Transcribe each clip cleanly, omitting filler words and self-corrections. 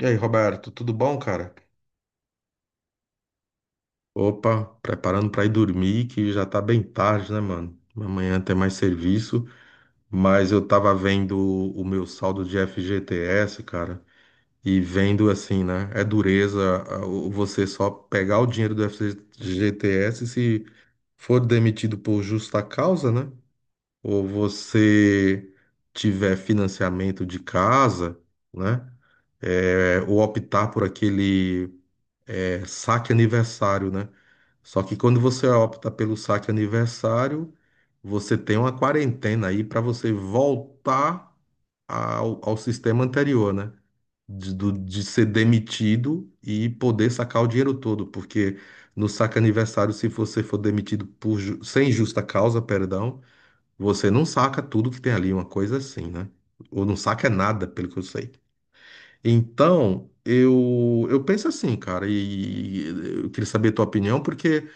E aí, Roberto, tudo bom, cara? Opa, preparando pra ir dormir, que já tá bem tarde, né, mano? Amanhã tem mais serviço, mas eu tava vendo o meu saldo de FGTS, cara, e vendo assim, né? É dureza você só pegar o dinheiro do FGTS se for demitido por justa causa, né? Ou você tiver financiamento de casa, né? É, ou optar por aquele. É saque aniversário, né? Só que quando você opta pelo saque aniversário, você tem uma quarentena aí para você voltar ao sistema anterior, né? De ser demitido e poder sacar o dinheiro todo, porque no saque aniversário, se você for demitido por, sem justa causa, perdão, você não saca tudo que tem ali, uma coisa assim, né? Ou não saca nada, pelo que eu sei. Então, eu penso assim, cara, e eu queria saber a tua opinião, porque,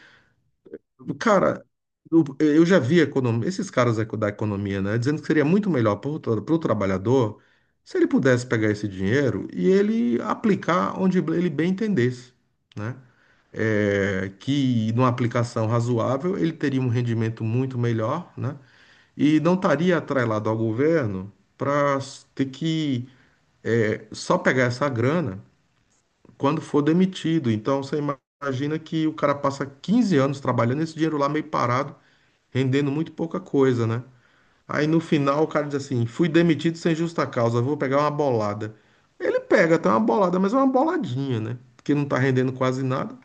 cara, eu já vi esses caras da economia, né, dizendo que seria muito melhor para o trabalhador se ele pudesse pegar esse dinheiro e ele aplicar onde ele bem entendesse, né? É, que numa aplicação razoável ele teria um rendimento muito melhor, né? E não estaria atrelado ao governo para ter que é, só pegar essa grana quando for demitido. Então você imagina que o cara passa 15 anos trabalhando esse dinheiro lá meio parado, rendendo muito pouca coisa, né? Aí no final o cara diz assim: fui demitido sem justa causa, vou pegar uma bolada. Ele pega até uma bolada, mas é uma boladinha, né? Porque não tá rendendo quase nada. O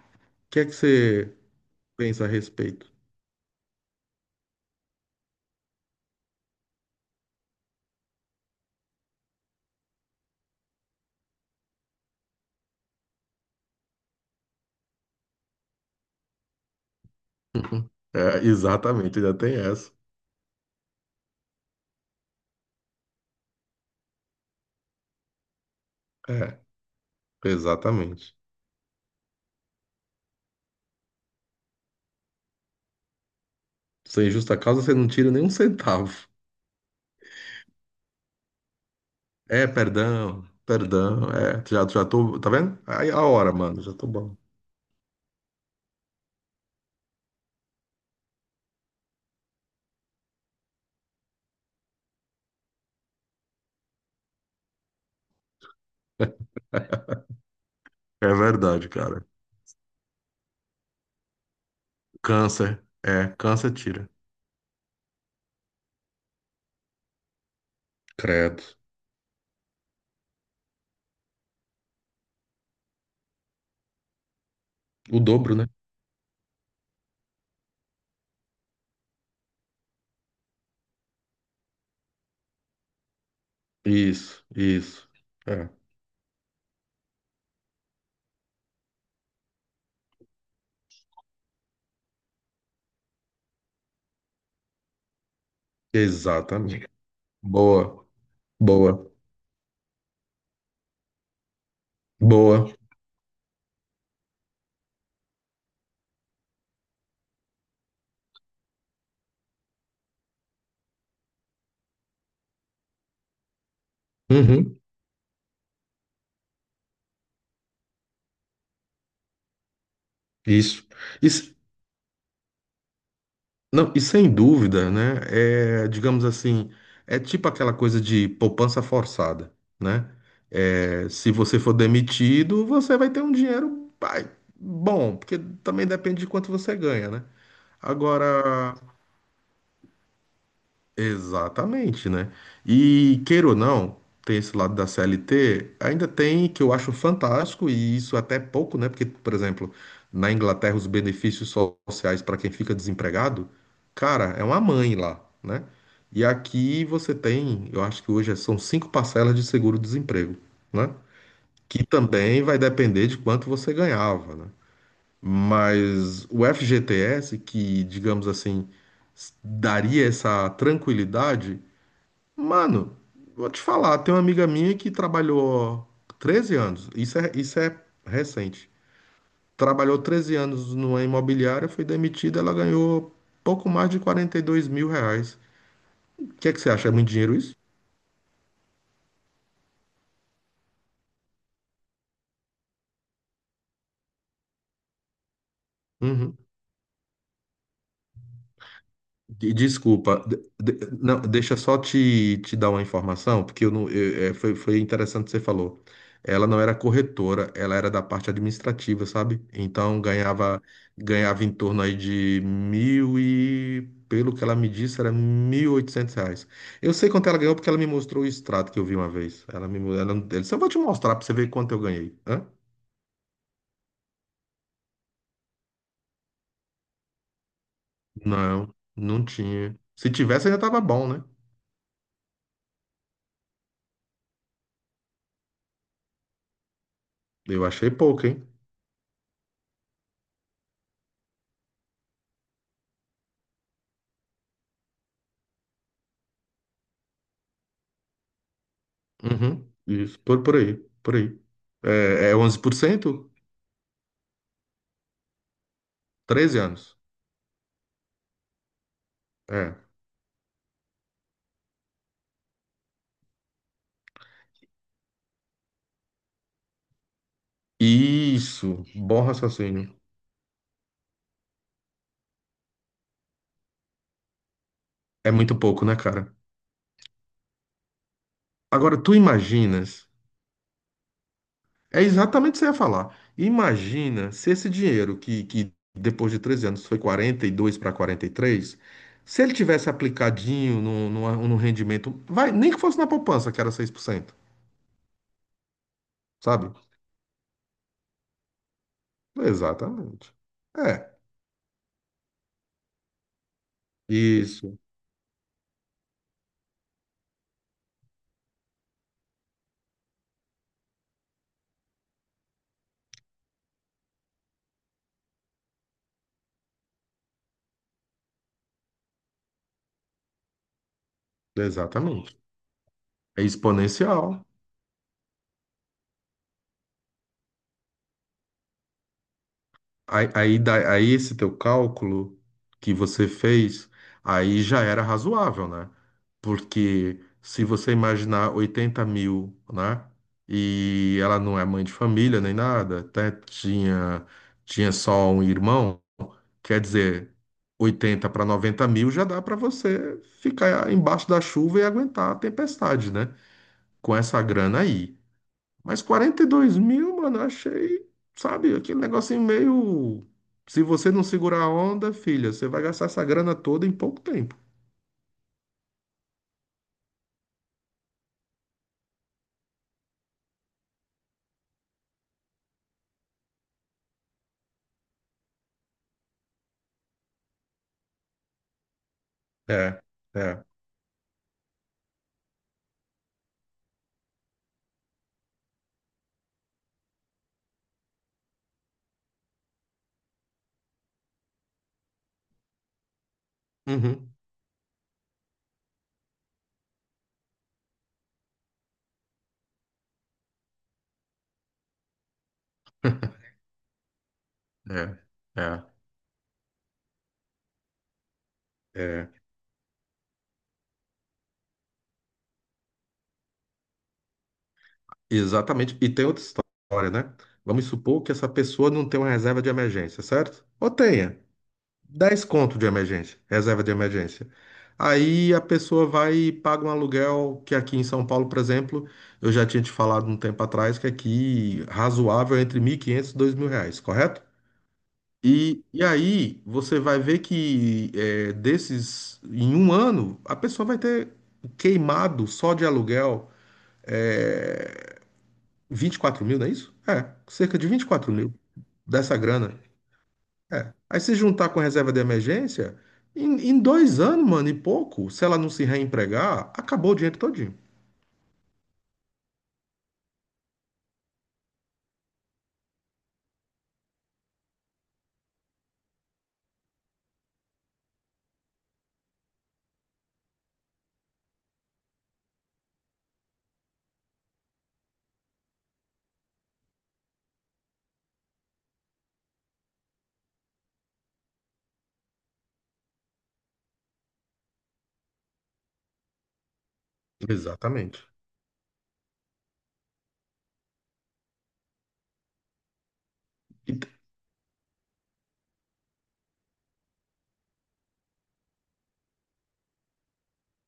que é que você pensa a respeito? É, exatamente, ainda tem essa. É, exatamente. Sem justa causa você não tira nem um centavo. É, perdão, perdão. É, já, já tô. Tá vendo? Aí a hora, mano, já tô bom. É verdade, cara. Câncer. É, câncer tira. Credo. O dobro, né? Isso, isso. É, exatamente. Boa, boa, boa. Uhum, isso. Isso, não, e sem dúvida, né? É, digamos assim, é tipo aquela coisa de poupança forçada, né? É, se você for demitido, você vai ter um dinheiro, pai, bom, porque também depende de quanto você ganha, né? Agora, exatamente, né? E queira ou não, tem esse lado da CLT, ainda tem que eu acho fantástico, e isso até é pouco, né? Porque, por exemplo, na Inglaterra, os benefícios sociais para quem fica desempregado, cara, é uma mãe lá, né? E aqui você tem, eu acho que hoje são cinco parcelas de seguro-desemprego, né? Que também vai depender de quanto você ganhava, né? Mas o FGTS, que, digamos assim, s- daria essa tranquilidade. Mano, vou te falar, tem uma amiga minha que trabalhou 13 anos, isso é recente. Trabalhou 13 anos numa imobiliária, foi demitida, ela ganhou pouco mais de R$ 42.000. O que é que você acha? É muito dinheiro isso? Uhum. Desculpa, não, deixa só te dar uma informação, porque eu não, é, foi interessante o que você falou. Ela não era corretora, ela era da parte administrativa, sabe? Então ganhava em torno aí de mil e, pelo que ela me disse, era R$ 1.800. Eu sei quanto ela ganhou porque ela me mostrou o extrato que eu vi uma vez. Ela disse, eu vou te mostrar pra você ver quanto eu ganhei. Hã? Não, não tinha. Se tivesse ainda tava bom, né? Eu achei pouco, hein? Uhum, isso, por aí, por aí. É, é 11% 13 anos. É. Isso, bom raciocínio. É muito pouco, né, cara? Agora, tu imaginas, é exatamente o que você ia falar. Imagina se esse dinheiro, que depois de 13 anos foi 42 para 43, se ele tivesse aplicadinho no, num rendimento, vai, nem que fosse na poupança, que era 6%, sabe? Exatamente. É, isso, exatamente. É exponencial. Aí esse teu cálculo que você fez, aí já era razoável, né? Porque se você imaginar 80.000, né? E ela não é mãe de família nem nada, até tinha, tinha só um irmão, quer dizer, 80 para 90.000 já dá para você ficar embaixo da chuva e aguentar a tempestade, né? Com essa grana aí. Mas 42.000, mano, eu achei, sabe, aquele negocinho meio. Se você não segurar a onda, filha, você vai gastar essa grana toda em pouco tempo. É, é. Uhum. É, é, é. Exatamente. E tem outra história, né? Vamos supor que essa pessoa não tem uma reserva de emergência, certo? Ou tenha. Dez conto de emergência, reserva de emergência. Aí a pessoa vai e paga um aluguel que aqui em São Paulo, por exemplo, eu já tinha te falado um tempo atrás que aqui razoável é entre 1.500 e R$ 2.000, correto? E aí você vai ver que é, desses, em um ano, a pessoa vai ter queimado só de aluguel é, 24.000, não é isso? É, cerca de 24.000 dessa grana. É. Aí se juntar com a reserva de emergência, em 2 anos, mano, e pouco, se ela não se reempregar, acabou o dinheiro todinho. Exatamente. E-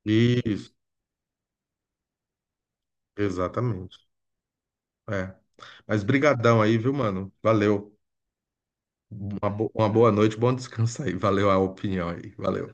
Isso, exatamente. É. Mas brigadão aí, viu, mano? Valeu. Uma boa noite, bom descanso aí. Valeu a opinião aí. Valeu.